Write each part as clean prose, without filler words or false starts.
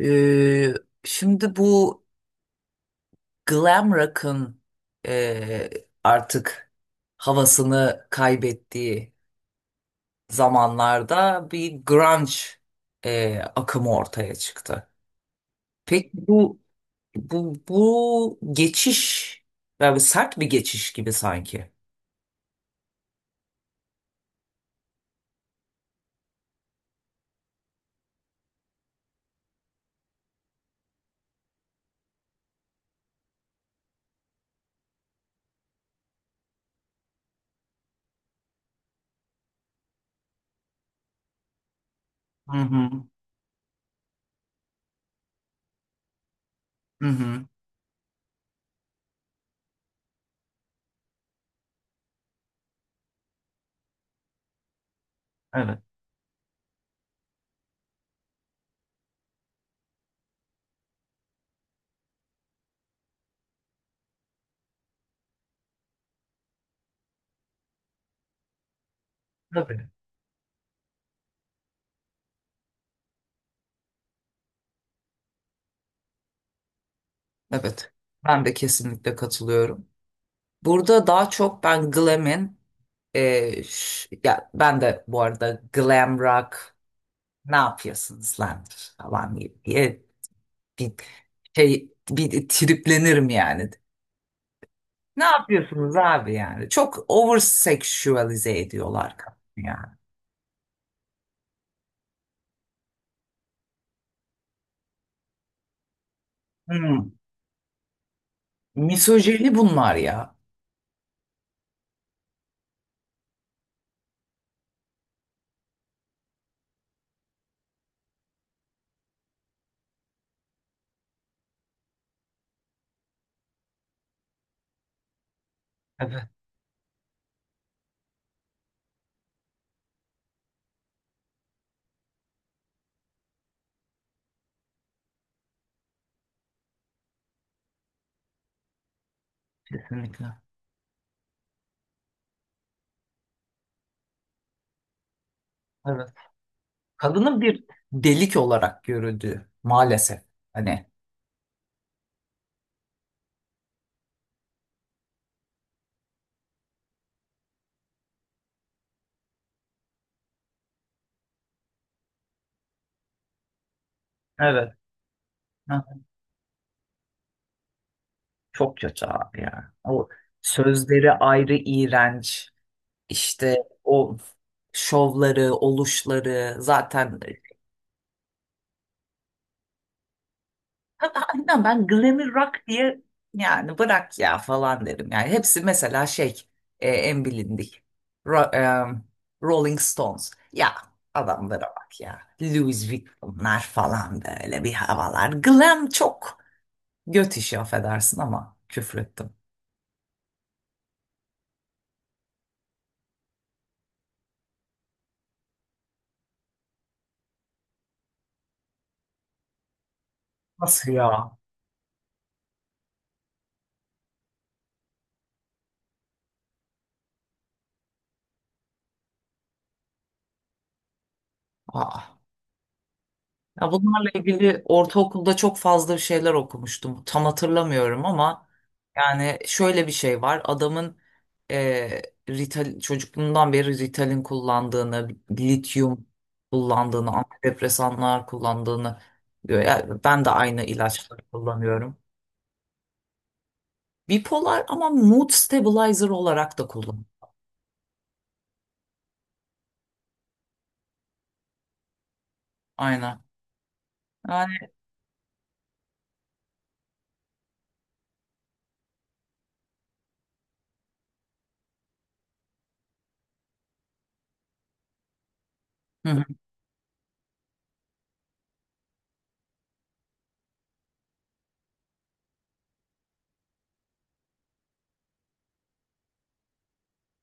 Ee, Şimdi bu glam rock'ın e, artık havasını kaybettiği zamanlarda bir grunge akımı ortaya çıktı. Peki bu geçiş yani sert bir geçiş gibi sanki. Hı hı. Hı hı. Evet. Tabii. Evet. Ben de kesinlikle katılıyorum. Burada daha çok ben glam'in ya ben de bu arada glam rock ne yapıyorsunuz lan falan diye bir şey bir triplenirim yani. Ne yapıyorsunuz abi yani? Çok over sexualize ediyorlar kadını yani. Hmm, Misojeni bunlar ya. Evet, kesinlikle. Evet. Kadının bir delik olarak görüldüğü maalesef. Hani. Evet. Ha, çok kötü abi ya. O sözleri ayrı iğrenç. İşte o şovları, oluşları zaten aynen ben glamir rock diye yani bırak ya falan derim. Yani hepsi mesela şey en bilindik Ro- em, Rolling Stones. Ya adamlara bak ya. Louis Vuitton'lar falan böyle bir havalar. Glam çok göt işi affedersin ama küfrettim. Nasıl ya? Aa. Ya bunlarla ilgili ortaokulda çok fazla bir şeyler okumuştum. Tam hatırlamıyorum ama yani şöyle bir şey var. Adamın e, çocukluğundan beri Ritalin kullandığını, lityum kullandığını, antidepresanlar kullandığını diyor. Yani ben de aynı ilaçları kullanıyorum. Bipolar ama mood stabilizer olarak da kullan. Aynen. Yani hı hı,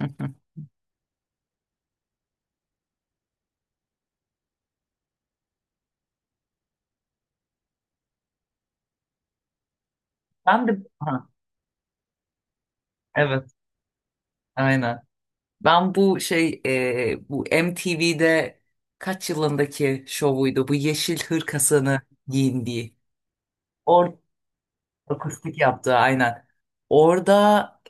hı hı. Ben de ha, evet, aynen. Ben bu şey bu MTV'de kaç yılındaki şovuydu bu yeşil hırkasını giyindiği. Or Akustik yaptığı aynen. Orada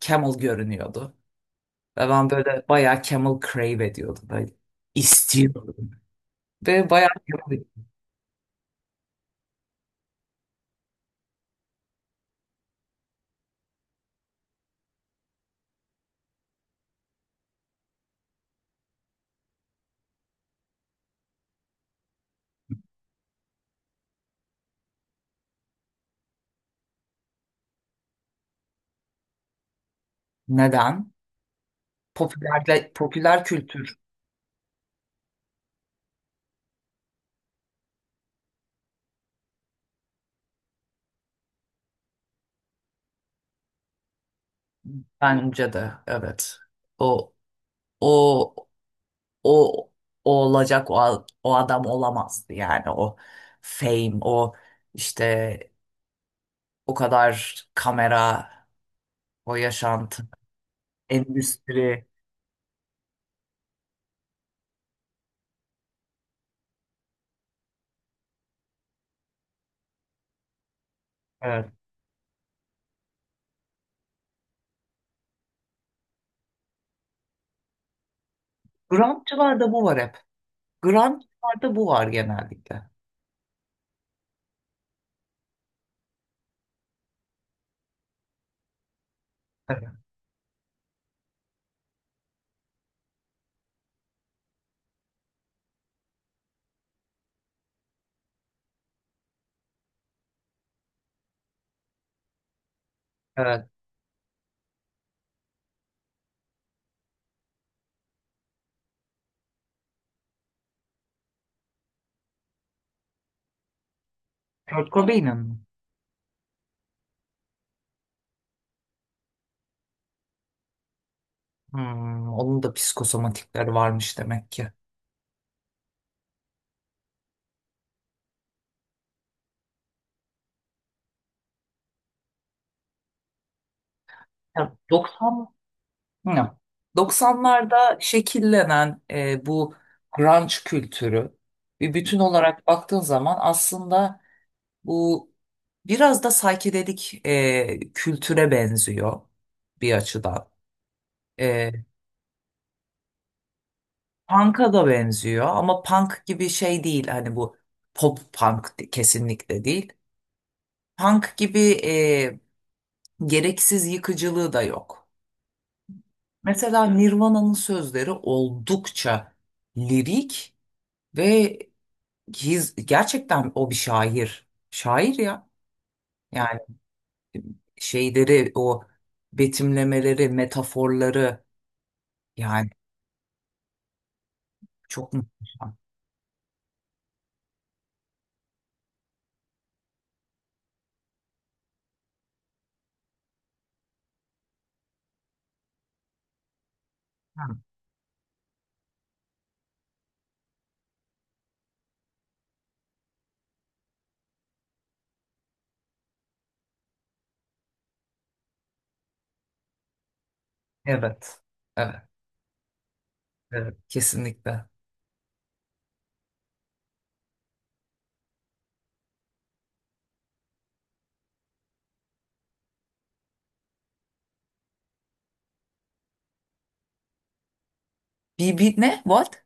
Camel görünüyordu. Ve ben böyle bayağı Camel crave ediyordum. Böyle istiyordum. Ve bayağı neden? Popüler, popüler kültür bence de evet. O o o, o olacak o, o adam olamazdı yani o fame o işte o kadar kamera o yaşantı endüstri evet. Grunge'larda bu var hep. Grunge'larda bu var genellikle. Evet. Evet. Kurt Cobain'in mi? Onun da psikosomatikleri varmış demek ki. Ya, 90. Hı. 90'larda şekillenen bu grunge kültürü bir bütün olarak baktığın zaman aslında bu biraz da psychedelic kültüre benziyor bir açıdan. E, Punk'a da benziyor ama punk gibi şey değil. Hani bu pop punk kesinlikle değil. Punk gibi e, gereksiz yıkıcılığı da yok. Mesela Nirvana'nın sözleri oldukça lirik ve gerçekten o bir şair. Şair ya. Yani şeyleri o betimlemeleri, metaforları yani çok muhteşem. Ha, evet. Evet. Evet. Kesinlikle. Bir ne? What?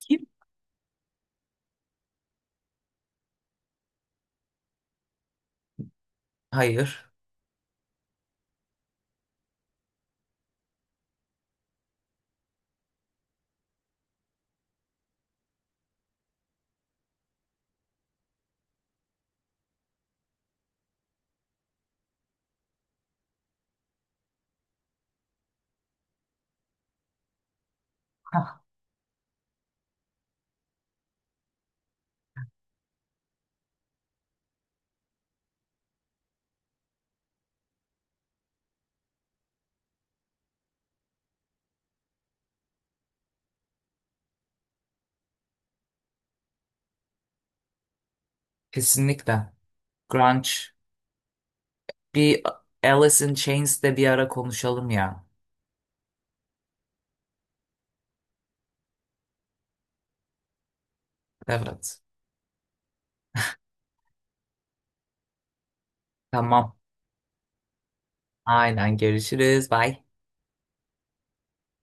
Kim? Hayır. Hah, kesinlikle. Grunge. Bir Alice in Chains'te bir ara konuşalım ya. Evet. Tamam. Aynen. Görüşürüz. Bye.